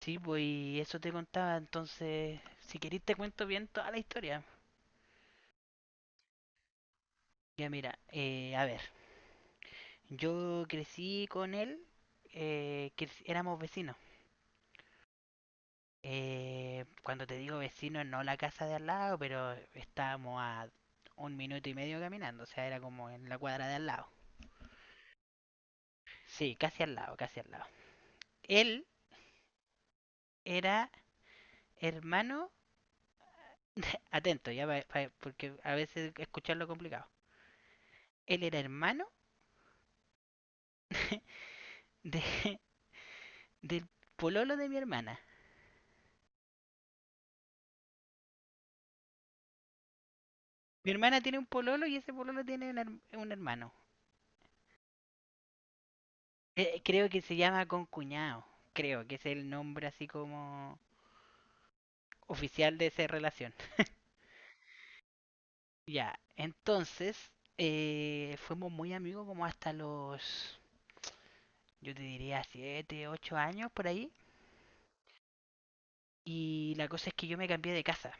Sí, pues y eso te contaba, entonces, si querés te cuento bien toda la historia. Ya mira, a ver, yo crecí con él, éramos vecinos. Cuando te digo vecinos, no la casa de al lado, pero estábamos a 1 minuto y medio caminando, o sea, era como en la cuadra de al lado. Sí, casi al lado, casi al lado. Él era hermano, atento, ya, porque a veces escucharlo es complicado. Él era hermano de, Del pololo de mi hermana. Mi hermana tiene un pololo y ese pololo tiene un hermano. Creo que se llama concuñado. Creo que es el nombre así como oficial de esa relación. Ya, entonces fuimos muy amigos como hasta los, yo te diría, 7, 8 años por ahí. Y la cosa es que yo me cambié de casa.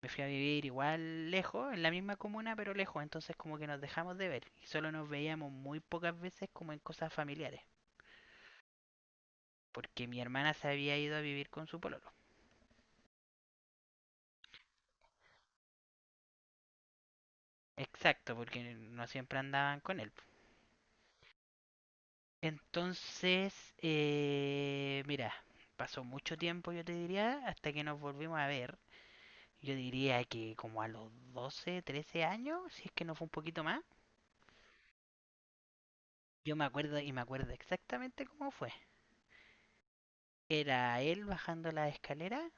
Me fui a vivir igual lejos, en la misma comuna, pero lejos. Entonces como que nos dejamos de ver. Y solo nos veíamos muy pocas veces como en cosas familiares, porque mi hermana se había ido a vivir con su pololo. Exacto, porque no siempre andaban con él. Entonces, mira, pasó mucho tiempo, yo te diría, hasta que nos volvimos a ver. Yo diría que como a los 12, 13 años, si es que no fue un poquito más. Yo me acuerdo y me acuerdo exactamente cómo fue. Era él bajando la escalera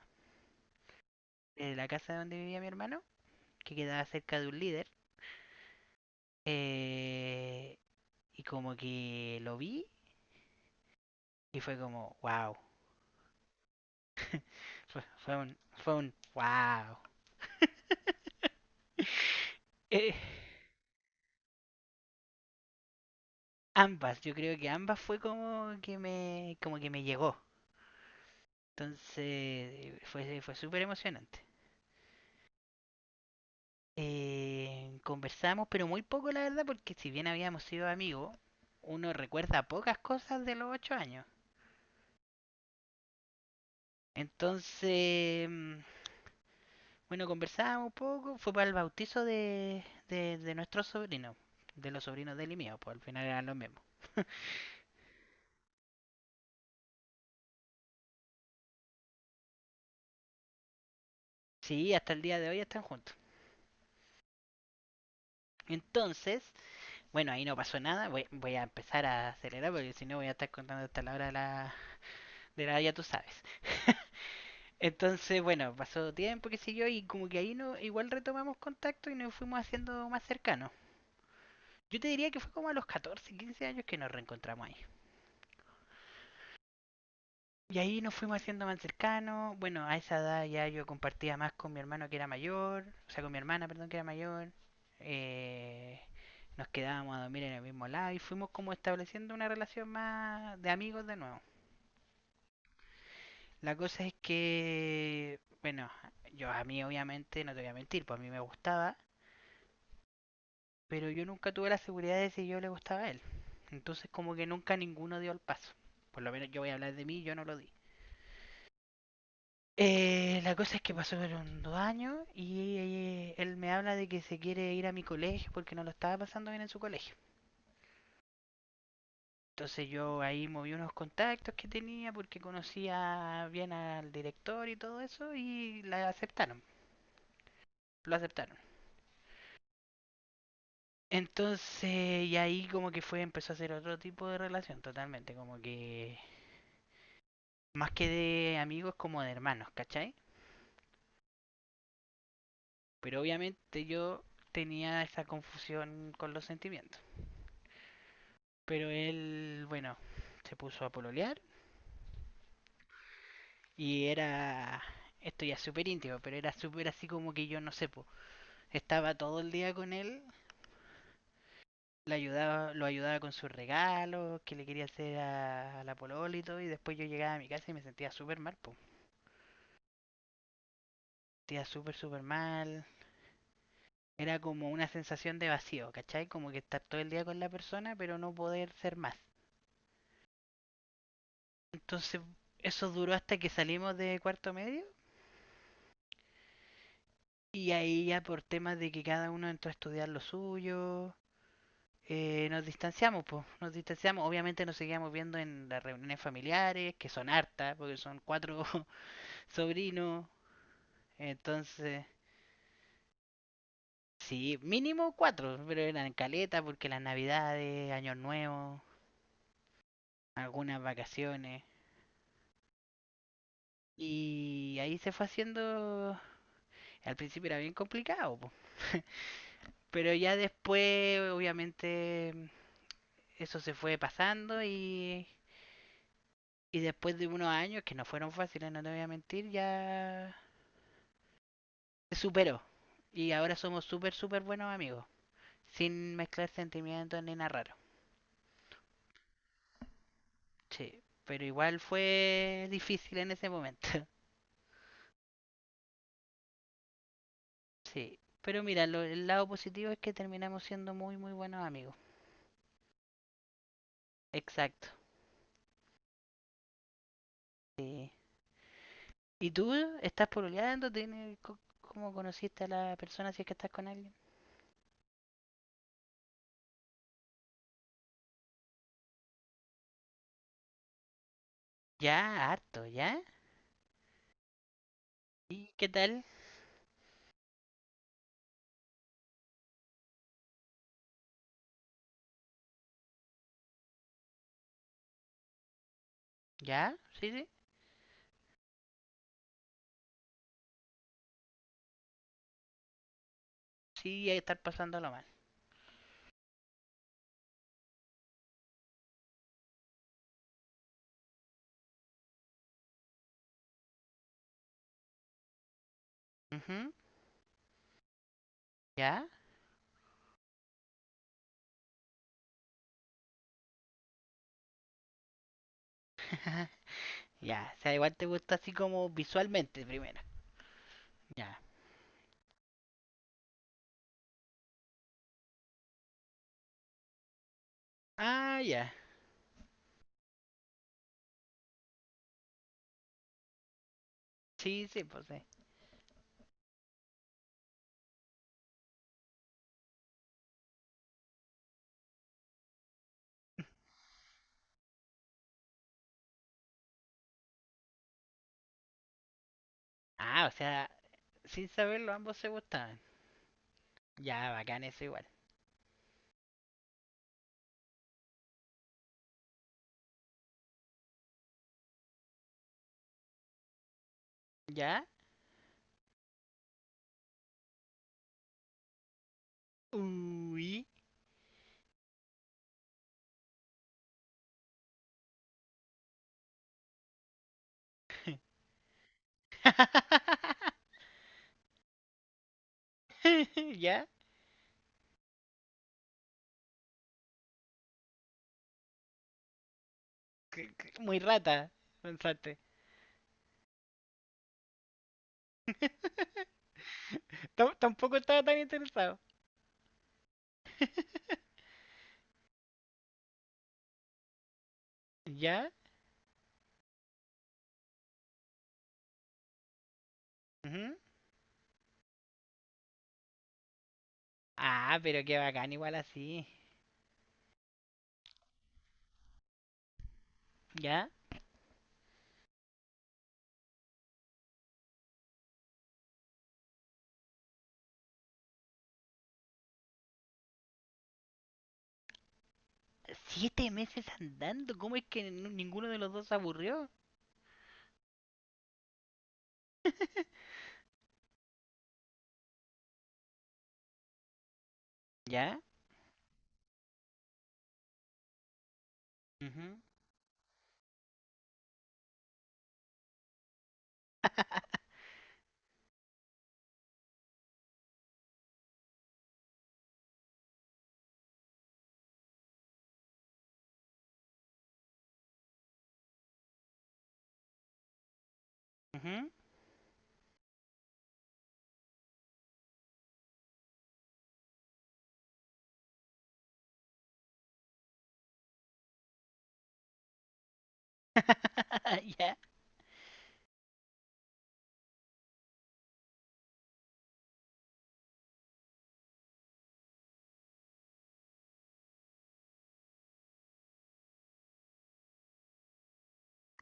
de la casa donde vivía mi hermano, que quedaba cerca de un líder. eh, y como que lo vi y fue como wow. Fue, un, Fue un wow. Eh, Ambas, yo creo que ambas fue como que me, llegó. Entonces fue súper emocionante. Conversamos, pero muy poco la verdad, porque si bien habíamos sido amigos, uno recuerda pocas cosas de los 8 años. Entonces, bueno, conversábamos un poco, fue para el bautizo de nuestro sobrino, de los sobrinos de él y mío, pues al final eran los mismos. Sí, hasta el día de hoy están juntos. Entonces, bueno, ahí no pasó nada. Voy a empezar a acelerar porque si no voy a estar contando hasta la hora de la ya tú sabes. Entonces, bueno, pasó tiempo que siguió y como que ahí no, igual retomamos contacto y nos fuimos haciendo más cercanos. Yo te diría que fue como a los 14, 15 años que nos reencontramos ahí. Y ahí nos fuimos haciendo más cercanos. Bueno, a esa edad ya yo compartía más con mi hermano que era mayor, o sea, con mi hermana, perdón, que era mayor. Eh, Nos quedábamos a dormir en el mismo lado y fuimos como estableciendo una relación más de amigos de nuevo. La cosa es que, bueno, yo a mí obviamente, no te voy a mentir, pues a mí me gustaba, pero yo nunca tuve la seguridad de si yo le gustaba a él. Entonces como que nunca ninguno dio el paso. Por lo menos yo voy a hablar de mí, yo no lo di. La cosa es que pasaron 2 años y él me habla de que se quiere ir a mi colegio porque no lo estaba pasando bien en su colegio. Entonces yo ahí moví unos contactos que tenía porque conocía bien al director y todo eso y la aceptaron, lo aceptaron. Entonces, y ahí como que fue, empezó a ser otro tipo de relación totalmente, como que más que de amigos como de hermanos, ¿cachai? Pero obviamente yo tenía esa confusión con los sentimientos. Pero él, bueno, se puso a pololear y era, esto ya es súper íntimo, pero era súper así como que yo no sé, po, estaba todo el día con él, le ayudaba, lo ayudaba con sus regalos, que le quería hacer a la polola y todo, y después yo llegaba a mi casa y me sentía súper mal, po. Me sentía súper, súper mal. Era como una sensación de vacío, ¿cachai? Como que estar todo el día con la persona, pero no poder ser más. Entonces, eso duró hasta que salimos de cuarto medio, y ahí ya por temas de que cada uno entró a estudiar lo suyo, nos distanciamos, pues, nos distanciamos. Obviamente nos seguíamos viendo en las reuniones familiares, que son hartas, porque son cuatro sobrinos. Entonces, sí, mínimo cuatro, pero eran caleta porque las navidades, años nuevos, algunas vacaciones. Y ahí se fue haciendo, al principio era bien complicado, po. Pero ya después, obviamente, eso se fue pasando y después de unos años, que no fueron fáciles, no te voy a mentir, ya se superó. Y ahora somos súper, súper buenos amigos, sin mezclar sentimientos ni narrar. Sí, pero igual fue difícil en ese momento. Sí, pero mira, el lado positivo es que terminamos siendo muy, muy buenos amigos. Exacto. Sí. ¿Y tú estás pololeando? ¿Cómo conociste a la persona si es que estás con alguien? Ya, harto, ¿ya? ¿Y qué tal? ¿Ya? Sí, sí. Sí, hay que estar pasándolo mal. Ujú. ¿Ya? Ya, o sea, igual te gusta así como visualmente primero. Ya. Ah, ya. Sí, sí, pues sí. Ah, o sea, sin saberlo, ambos se gustaban. Ya, bacán eso igual. ¿Ya? Uy. ¿Ya? Muy rata, pensaste. Tampoco estaba tan interesado. ¿Ya? Ujú. Ah, pero qué bacán igual así. ¿Ya? 7 meses andando, ¿cómo es que ninguno de los dos se aburrió? ¿Ya? Ujú. Ujú. ¿Ya?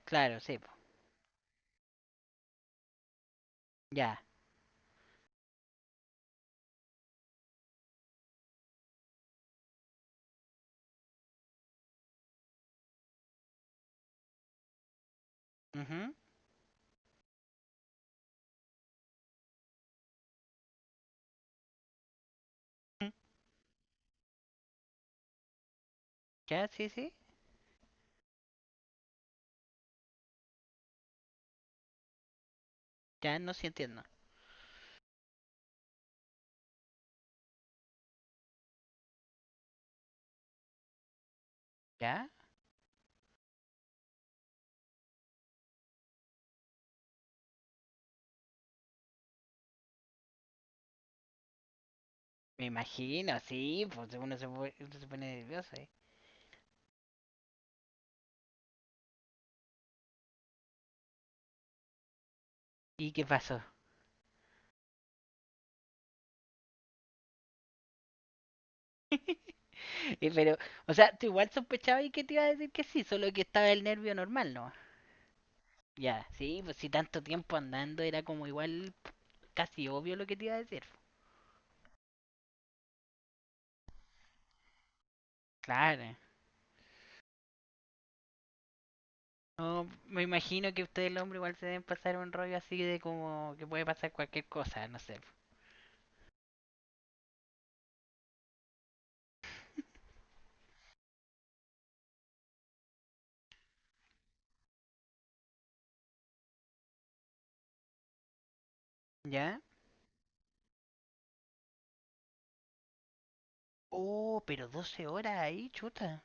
Claro, sí, po. Ya. Ujú, ujú. Ya, sí, sí. Ya no, sí entiendo. Ya, me imagino, sí, pues uno se pone nervioso, ¿eh? ¿Y qué pasó? Y pero, o sea, tú igual sospechabas y que te iba a decir que sí, solo que estaba el nervio normal, ¿no? Ya, sí, pues si tanto tiempo andando era como igual casi obvio lo que te iba a decir. Claro. No, me imagino que ustedes el hombre igual se deben pasar un rollo así de como que puede pasar cualquier cosa, no sé. ¿Ya? Oh, pero 12 horas ahí, chuta.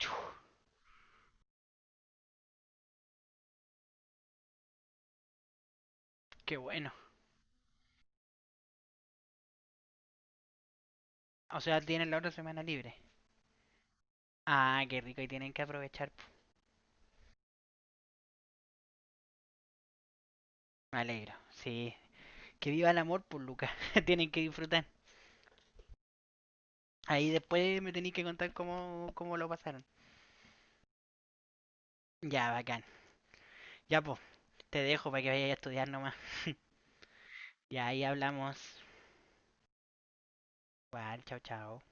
Chu, qué bueno. O sea, tienen la otra semana libre. Ah, qué rico, y tienen que aprovechar. Me alegro, sí. Que viva el amor, pues, Lucas. Tienen que disfrutar. Ahí después me tenéis que contar cómo lo pasaron. Ya, bacán. Ya, pues, te dejo para que vayas a estudiar nomás. Y ahí hablamos. Igual, chao, chao.